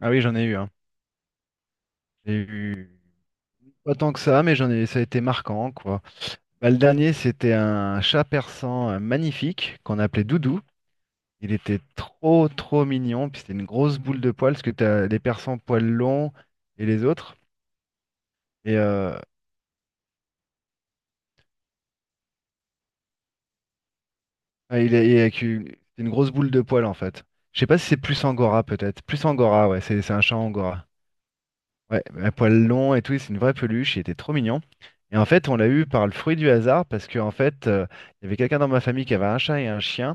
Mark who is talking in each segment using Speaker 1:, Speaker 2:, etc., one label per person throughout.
Speaker 1: Ah oui, j'en ai eu, hein. J'ai eu pas tant que ça, mais j'en ai, ça a été marquant, quoi. Bah, le dernier, c'était un chat persan magnifique qu'on appelait Doudou. Il était trop, trop mignon. Puis c'était une grosse boule de poils, parce que t'as les persans poils longs et les autres. Et euh, ah, il est avec une, c'est une grosse boule de poils, en fait. Je sais pas si c'est plus Angora, peut-être. Plus Angora, ouais, c'est un chat Angora. Ouais, à poil long et tout, c'est une vraie peluche, il était trop mignon. Et en fait, on l'a eu par le fruit du hasard parce que en fait, il y avait quelqu'un dans ma famille qui avait un chat et un chien.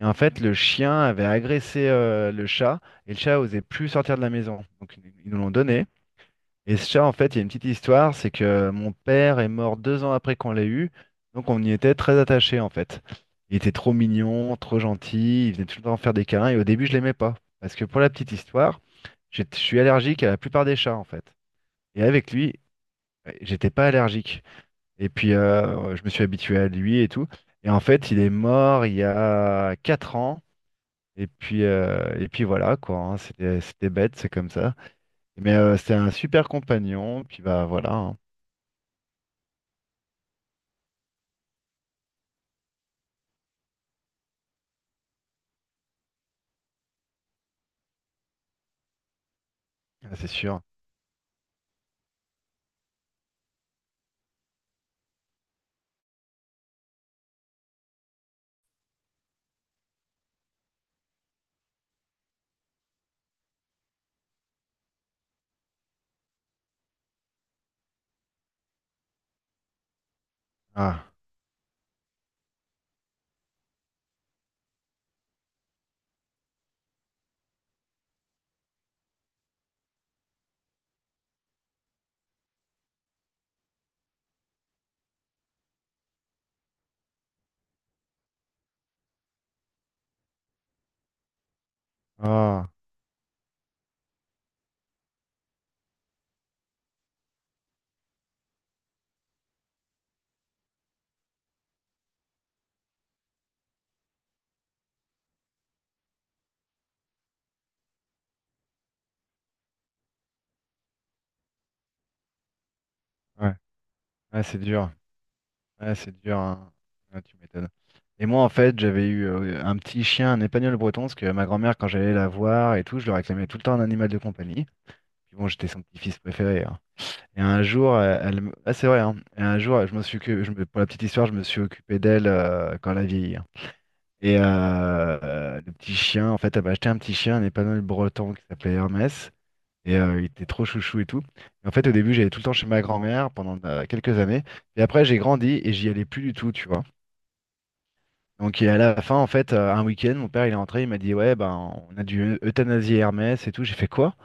Speaker 1: Et en fait, le chien avait agressé le chat et le chat osait plus sortir de la maison. Donc ils nous l'ont donné. Et ce chat, en fait, il y a une petite histoire, c'est que mon père est mort 2 ans après qu'on l'ait eu. Donc on y était très attachés en fait. Il était trop mignon, trop gentil, il venait tout le temps faire des câlins et au début, je l'aimais pas parce que pour la petite histoire, je suis allergique à la plupart des chats en fait. Et avec lui, ouais, j'étais pas allergique. Et puis, je me suis habitué à lui et tout. Et en fait, il est mort il y a 4 ans. Et puis voilà, quoi, hein. C'était bête, c'est comme ça. Mais c'était un super compagnon. Puis bah voilà, hein. Ah, c'est sûr. Ah, ah, ouais. Ouais, c'est dur. Ouais, c'est dur, hein. Ouais, tu m'étonnes. Et moi, en fait, j'avais eu un petit chien, un épagneul breton, parce que ma grand-mère, quand j'allais la voir et tout, je lui réclamais tout le temps un animal de compagnie. Puis bon, j'étais son petit-fils préféré, hein. Et un jour, elle, ah, c'est vrai, hein. Et un jour, je me suis, occu- je me- pour la petite histoire, je me suis occupé d'elle quand elle a vieilli, hein. Le petit chien, en fait, elle m'a acheté un petit chien, un épanoui breton qui s'appelait Hermès. Il était trop chouchou et tout. Et en fait, au début, j'allais tout le temps chez ma grand-mère pendant quelques années. Et après, j'ai grandi et j'y allais plus du tout, tu vois. Donc, et à la fin, en fait, un week-end, mon père, il est rentré, il m'a dit, ouais, ben, on a dû euthanasier Hermès et tout. J'ai fait quoi?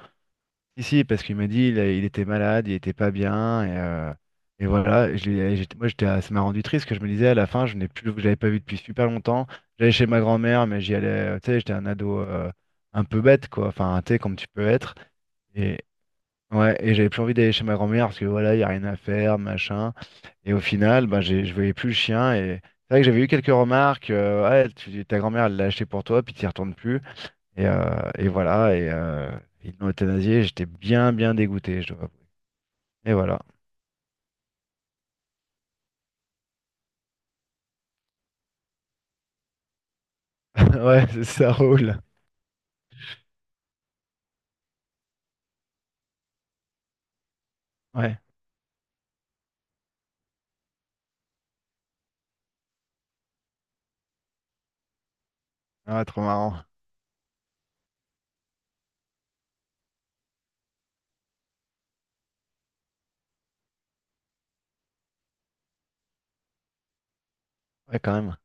Speaker 1: Si, si, parce qu'il m'a dit il était malade, il était pas bien, et voilà. Moi, j'étais, ça m'a rendu triste, parce que je me disais à la fin, je n'ai plus, je l'avais pas vu depuis super longtemps. J'allais chez ma grand-mère, mais j'y allais, tu sais, j'étais un ado un peu bête, quoi. Enfin, tu sais, comme tu peux être. Et ouais, j'avais plus envie d'aller chez ma grand-mère parce que voilà, il y a rien à faire, machin. Et au final, ben, je voyais plus le chien. Et c'est vrai que j'avais eu quelques remarques. Ouais, ta grand-mère elle l'a acheté pour toi, puis tu n'y retournes plus. Et voilà, ils l'ont euthanasié, j'étais bien, bien dégoûté, je dois avouer. Et voilà. Ouais, c'est ça roule. Ouais, Ah, trop marrant. Ouais, quand même.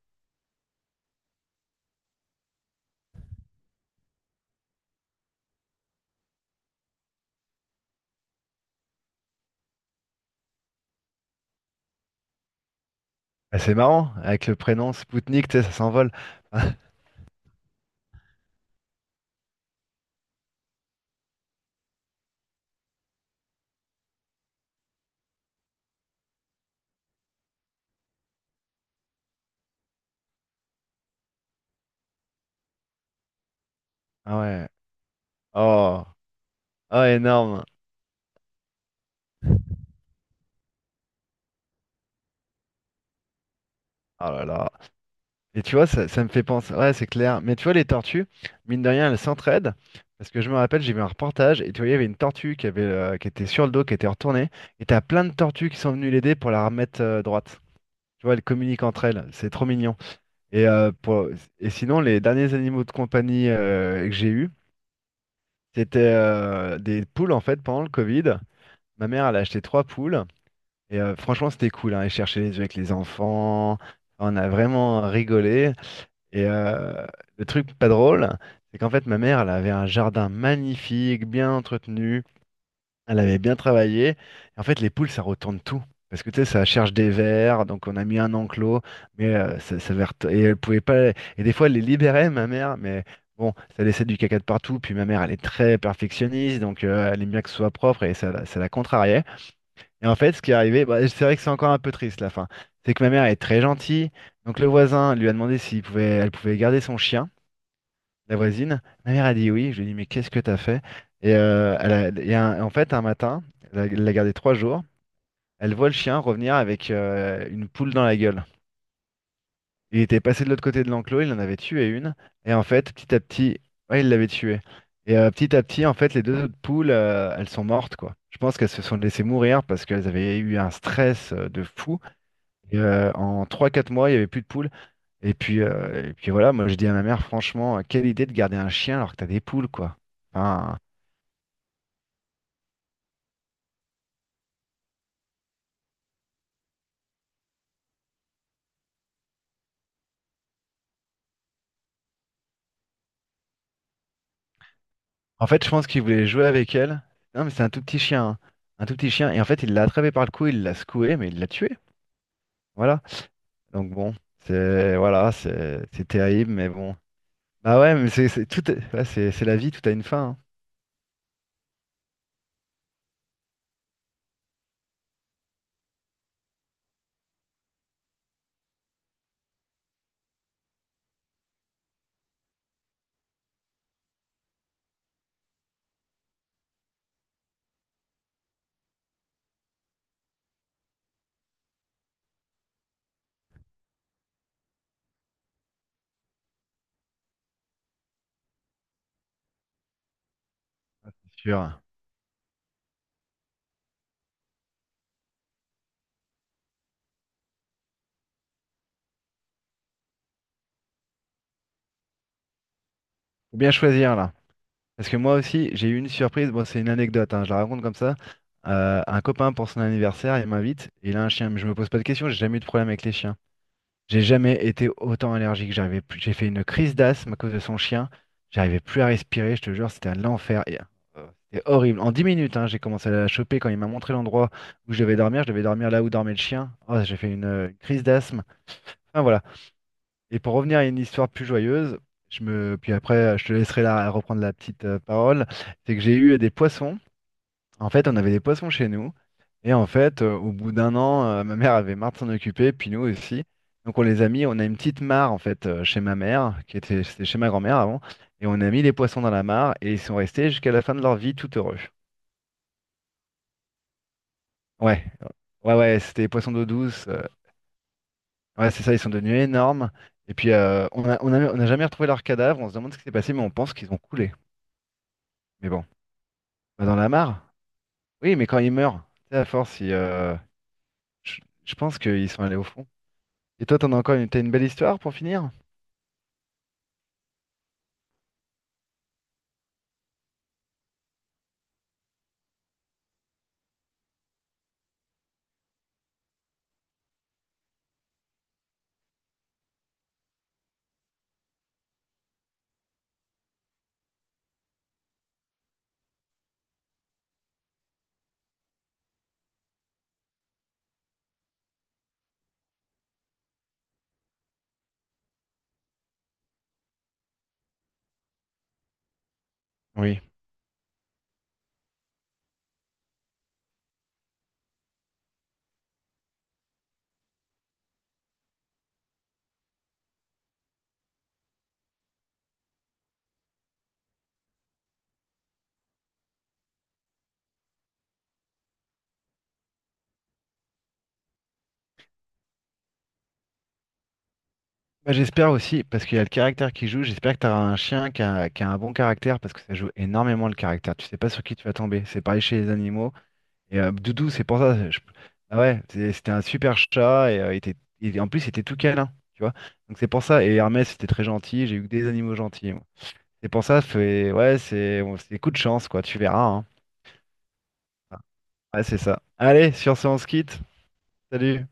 Speaker 1: Ah, c'est marrant, avec le prénom Spoutnik, tu sais, ça s'envole. Ah ouais. Oh, oh énorme. Oh là là. Et tu vois, ça me fait penser. Ouais, c'est clair. Mais tu vois, les tortues, mine de rien, elles s'entraident. Parce que je me rappelle, j'ai vu un reportage et tu vois, il y avait une tortue qui était sur le dos, qui était retournée. Et t'as plein de tortues qui sont venues l'aider pour la remettre droite. Tu vois, elles communiquent entre elles, c'est trop mignon. Et, euh, pour- et sinon, les derniers animaux de compagnie que j'ai eus, c'était des poules en fait pendant le Covid. Ma mère, elle a acheté trois poules et franchement, c'était cool. Hein. Elles cherchaient les œufs avec les enfants, on a vraiment rigolé. Et euh, le truc pas drôle, c'est qu'en fait, ma mère, elle avait un jardin magnifique, bien entretenu. Elle avait bien travaillé. En fait, les poules, ça retourne tout. Parce que tu sais, ça cherche des vers, donc on a mis un enclos, mais et elle pouvait pas. Et des fois, elle les libérait, ma mère, mais bon, ça laissait du caca de partout. Puis ma mère, elle est très perfectionniste, donc elle aime bien que ce soit propre et ça, ça la contrariait. Et en fait, ce qui est arrivé, bah, c'est vrai que c'est encore un peu triste la fin. C'est que ma mère est très gentille, donc le voisin lui a demandé s'il pouvait, elle pouvait garder son chien la voisine. Ma mère a dit oui. Je lui ai dit, mais qu'est-ce que t'as fait? Et, elle a- et un- en fait, un matin, elle l'a gardé 3 jours. Elle voit le chien revenir avec une poule dans la gueule. Il était passé de l'autre côté de l'enclos, il en avait tué une. Et en fait, petit à petit, ouais, il l'avait tué. Petit à petit, en fait, les deux autres poules, elles sont mortes, quoi. Je pense qu'elles se sont laissées mourir parce qu'elles avaient eu un stress de fou. Et, en trois quatre mois, il n'y avait plus de poules. Et puis voilà, moi je dis à ma mère, franchement, quelle idée de garder un chien alors que t'as des poules, quoi. Enfin, en fait, je pense qu'il voulait jouer avec elle. Non, mais c'est un tout petit chien, hein. Un tout petit chien. Et en fait, il l'a attrapé par le cou, il l'a secoué, mais il l'a tué. Voilà. Donc bon, c'est voilà, c'est terrible, mais bon. Bah ouais, mais c'est tout, ouais, c'est la vie, tout a une fin, hein. C'est sûr. Faut bien choisir là. Parce que moi aussi, j'ai eu une surprise. Bon, c'est une anecdote, hein, je la raconte comme ça. Un copain pour son anniversaire, il m'invite. Et il a un chien, mais je me pose pas de questions. J'ai jamais eu de problème avec les chiens. J'ai jamais été autant allergique. J'ai fait une crise d'asthme à cause de son chien. J'arrivais plus à respirer. Je te jure, c'était un enfer. Euh, C'était horrible. En 10 minutes, hein, j'ai commencé à la choper quand il m'a montré l'endroit où je devais dormir. Je devais dormir là où dormait le chien. Oh, j'ai fait une crise d'asthme. Enfin voilà. Et pour revenir à une histoire plus joyeuse, puis après, je te laisserai reprendre la petite parole. C'est que j'ai eu des poissons. En fait, on avait des poissons chez nous. Et en fait, au bout d'un an, ma mère avait marre de s'en occuper, puis nous aussi. Donc on les a mis, on a une petite mare en fait chez ma mère, c'était chez ma grand-mère avant, et on a mis les poissons dans la mare et ils sont restés jusqu'à la fin de leur vie tout heureux. Ouais, ouais, ouais, c'était des poissons d'eau douce. Ouais, c'est ça, ils sont devenus énormes. Et puis on a, on n'a jamais retrouvé leurs cadavres, on se demande ce qui s'est passé, mais on pense qu'ils ont coulé. Mais bon, bah, dans la mare? Oui, mais quand ils meurent, tu sais, à force, je je pense qu'ils sont allés au fond. Et toi, t'en as encore une, t'as une belle histoire pour finir? Oui. Bah, j'espère aussi, parce qu'il y a le caractère qui joue, j'espère que tu auras un chien qui a un bon caractère, parce que ça joue énormément le caractère. Tu sais pas sur qui tu vas tomber. C'est pareil chez les animaux. Doudou, c'est pour ça. Ah ouais, c'était un super chat, et en plus, il était tout câlin, tu vois. Donc c'est pour ça. Et Hermès, c'était très gentil, j'ai eu que des animaux gentils, moi. C'est pour ça, ouais, c'est bon, c'est coup de chance, quoi, tu verras, hein. Ouais, c'est ça. Allez, sur ce, on se quitte. Salut.